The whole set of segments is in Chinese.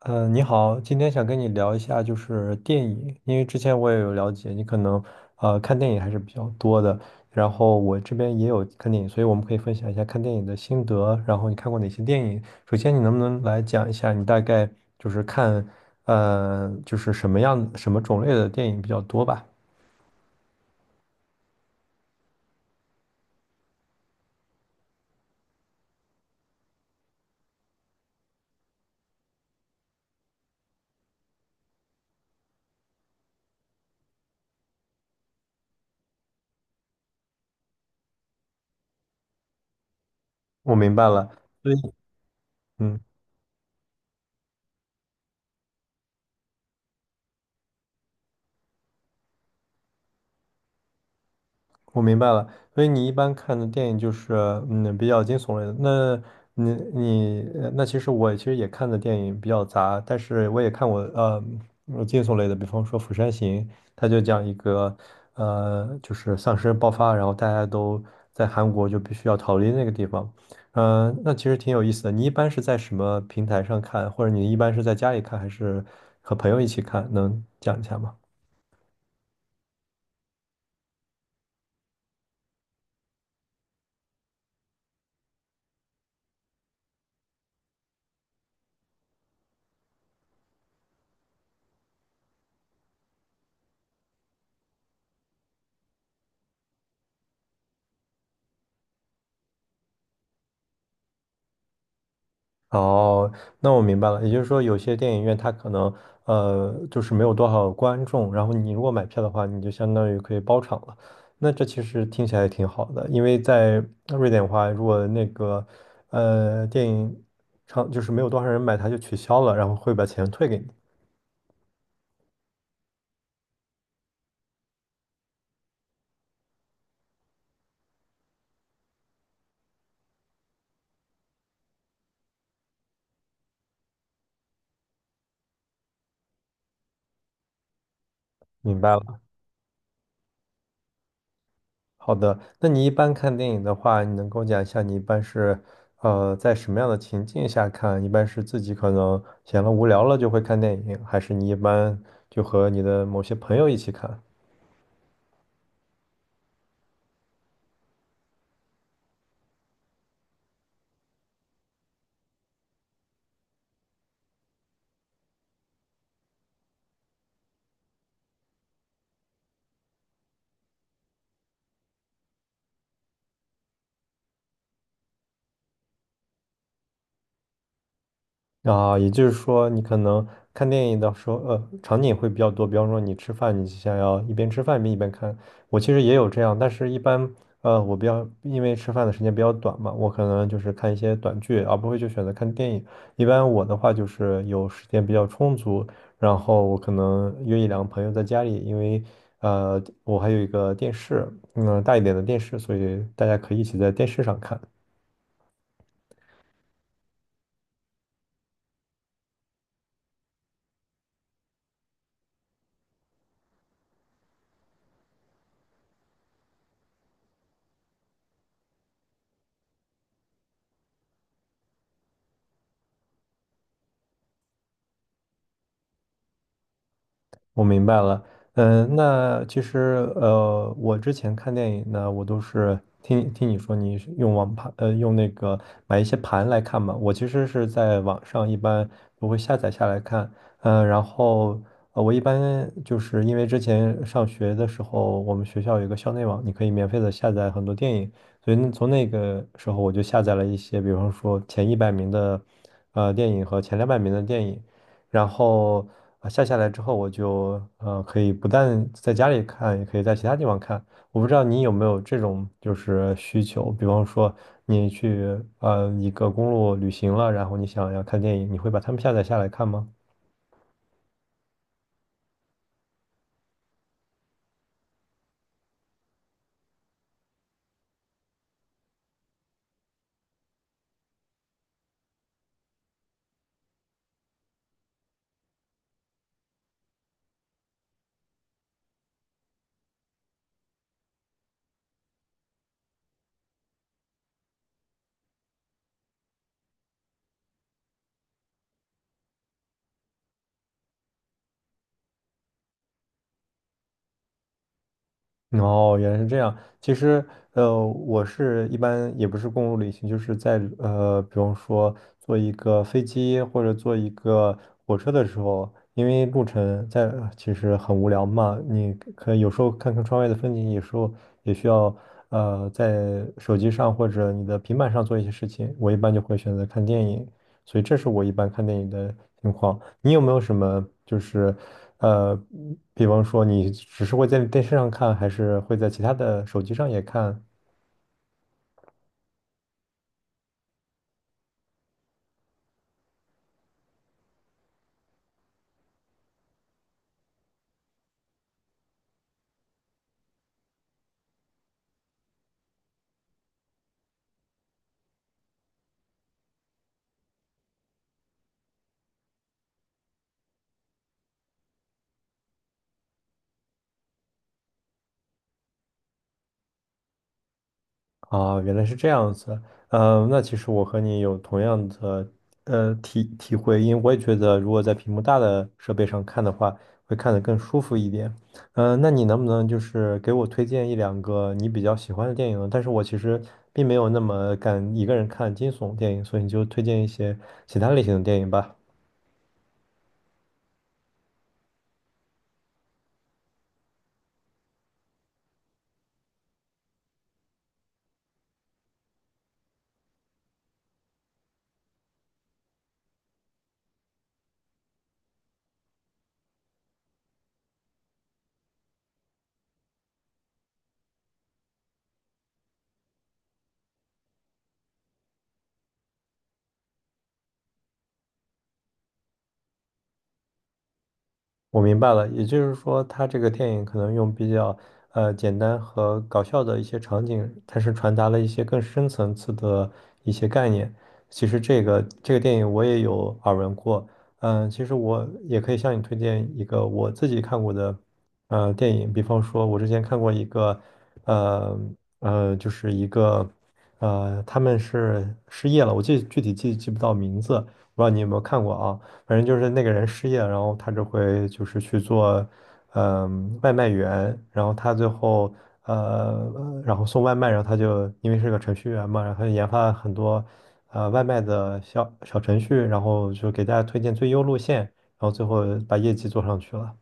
嗯，你好，今天想跟你聊一下就是电影，因为之前我也有了解，你可能看电影还是比较多的，然后我这边也有看电影，所以我们可以分享一下看电影的心得，然后你看过哪些电影？首先，你能不能来讲一下你大概就是看就是什么种类的电影比较多吧？我明白了，所以嗯。我明白了，所以你一般看的电影就是比较惊悚类的。那你你呃那其实我其实也看的电影比较杂，但是我也看过惊悚类的，比方说《釜山行》，它就讲一个就是丧尸爆发，然后大家都在韩国就必须要逃离那个地方。那其实挺有意思的。你一般是在什么平台上看，或者你一般是在家里看，还是和朋友一起看？能讲一下吗？哦，那我明白了，也就是说，有些电影院它可能就是没有多少观众，然后你如果买票的话，你就相当于可以包场了。那这其实听起来也挺好的，因为在瑞典的话，如果那个电影场就是没有多少人买，它就取消了，然后会把钱退给你。明白了。好的，那你一般看电影的话，你能跟我讲一下你一般是在什么样的情境下看？一般是自己可能闲了无聊了就会看电影，还是你一般就和你的某些朋友一起看？啊，也就是说，你可能看电影的时候，场景会比较多。比方说，你吃饭，你想要一边吃饭一边看。我其实也有这样，但是一般，我比较因为吃饭的时间比较短嘛，我可能就是看一些短剧，而不会就选择看电影。一般我的话就是有时间比较充足，然后我可能约一两个朋友在家里，因为我还有一个电视，大一点的电视，所以大家可以一起在电视上看。我明白了，那其实我之前看电影呢，我都是听听你说你是用网盘，用那个买一些盘来看嘛。我其实是在网上一般我会下载下来看，然后我一般就是因为之前上学的时候，我们学校有一个校内网，你可以免费的下载很多电影，所以那从那个时候我就下载了一些，比方说前100名的电影和前200名的电影。然后啊下下来之后，我就可以不但在家里看，也可以在其他地方看。我不知道你有没有这种就是需求，比方说你去一个公路旅行了，然后你想要看电影，你会把它们下载下来看吗？哦，原来是这样。其实，我是一般也不是公路旅行，就是在比方说坐一个飞机或者坐一个火车的时候，因为路程在其实很无聊嘛，你可以有时候看看窗外的风景，有时候也需要在手机上或者你的平板上做一些事情。我一般就会选择看电影。所以这是我一般看电影的情况。你有没有什么就是，呃，比方说你只是会在电视上看，还是会在其他的手机上也看？啊，原来是这样子。那其实我和你有同样的体会，因为我也觉得，如果在屏幕大的设备上看的话，会看得更舒服一点。那你能不能就是给我推荐一两个你比较喜欢的电影呢？但是我其实并没有那么敢一个人看惊悚电影，所以你就推荐一些其他类型的电影吧。我明白了，也就是说，他这个电影可能用比较简单和搞笑的一些场景，它是传达了一些更深层次的一些概念。其实这个这个电影我也有耳闻过，其实我也可以向你推荐一个我自己看过的电影，比方说，我之前看过一个呃就是一个他们是失业了，我具体记不到名字，不知道你有没有看过啊？反正就是那个人失业了然后他就会就是去做，外卖员，然后他最后然后送外卖，然后他就因为是个程序员嘛，然后他就研发了很多外卖的小小程序，然后就给大家推荐最优路线，然后最后把业绩做上去了。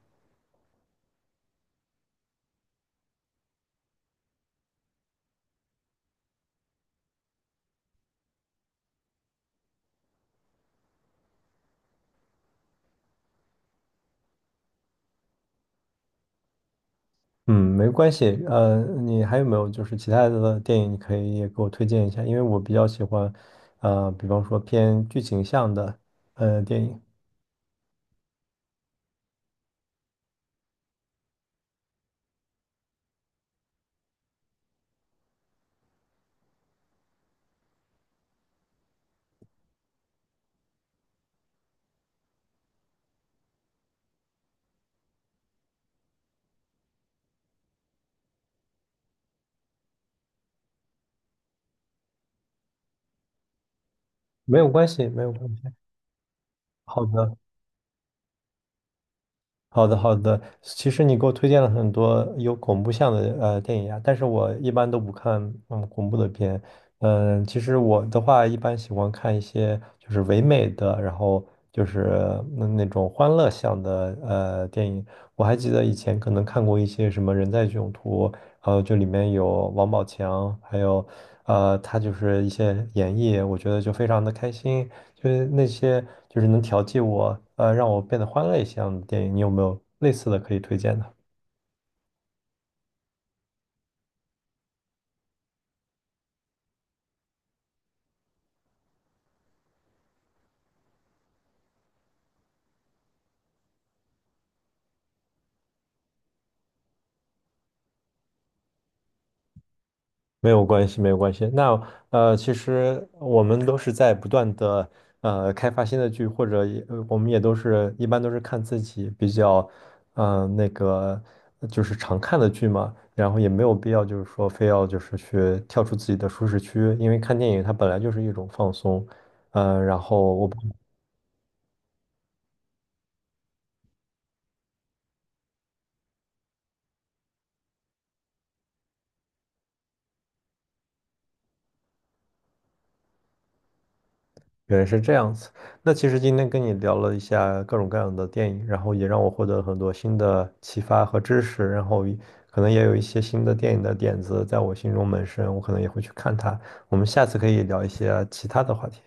嗯，没关系。你还有没有就是其他的电影，你可以也给我推荐一下？因为我比较喜欢，比方说偏剧情向的电影。没有关系，没有关系。好的。好的，好的。其实你给我推荐了很多有恐怖向的电影啊，但是我一般都不看恐怖的片。其实我的话一般喜欢看一些就是唯美的，然后就是那种欢乐向的电影。我还记得以前可能看过一些什么《人在囧途》，然后就里面有王宝强，还有他就是一些演绎，我觉得就非常的开心。就是那些就是能调剂我，让我变得欢乐一些样的电影，你有没有类似的可以推荐的？没有关系，没有关系。那其实我们都是在不断的开发新的剧，或者也我们也都是一般都是看自己比较那个就是常看的剧嘛，然后也没有必要就是说非要就是去跳出自己的舒适区，因为看电影它本来就是一种放松，然后我不。原来是这样子。那其实今天跟你聊了一下各种各样的电影，然后也让我获得了很多新的启发和知识，然后也可能也有一些新的电影的点子在我心中萌生，我可能也会去看它。我们下次可以聊一些其他的话题。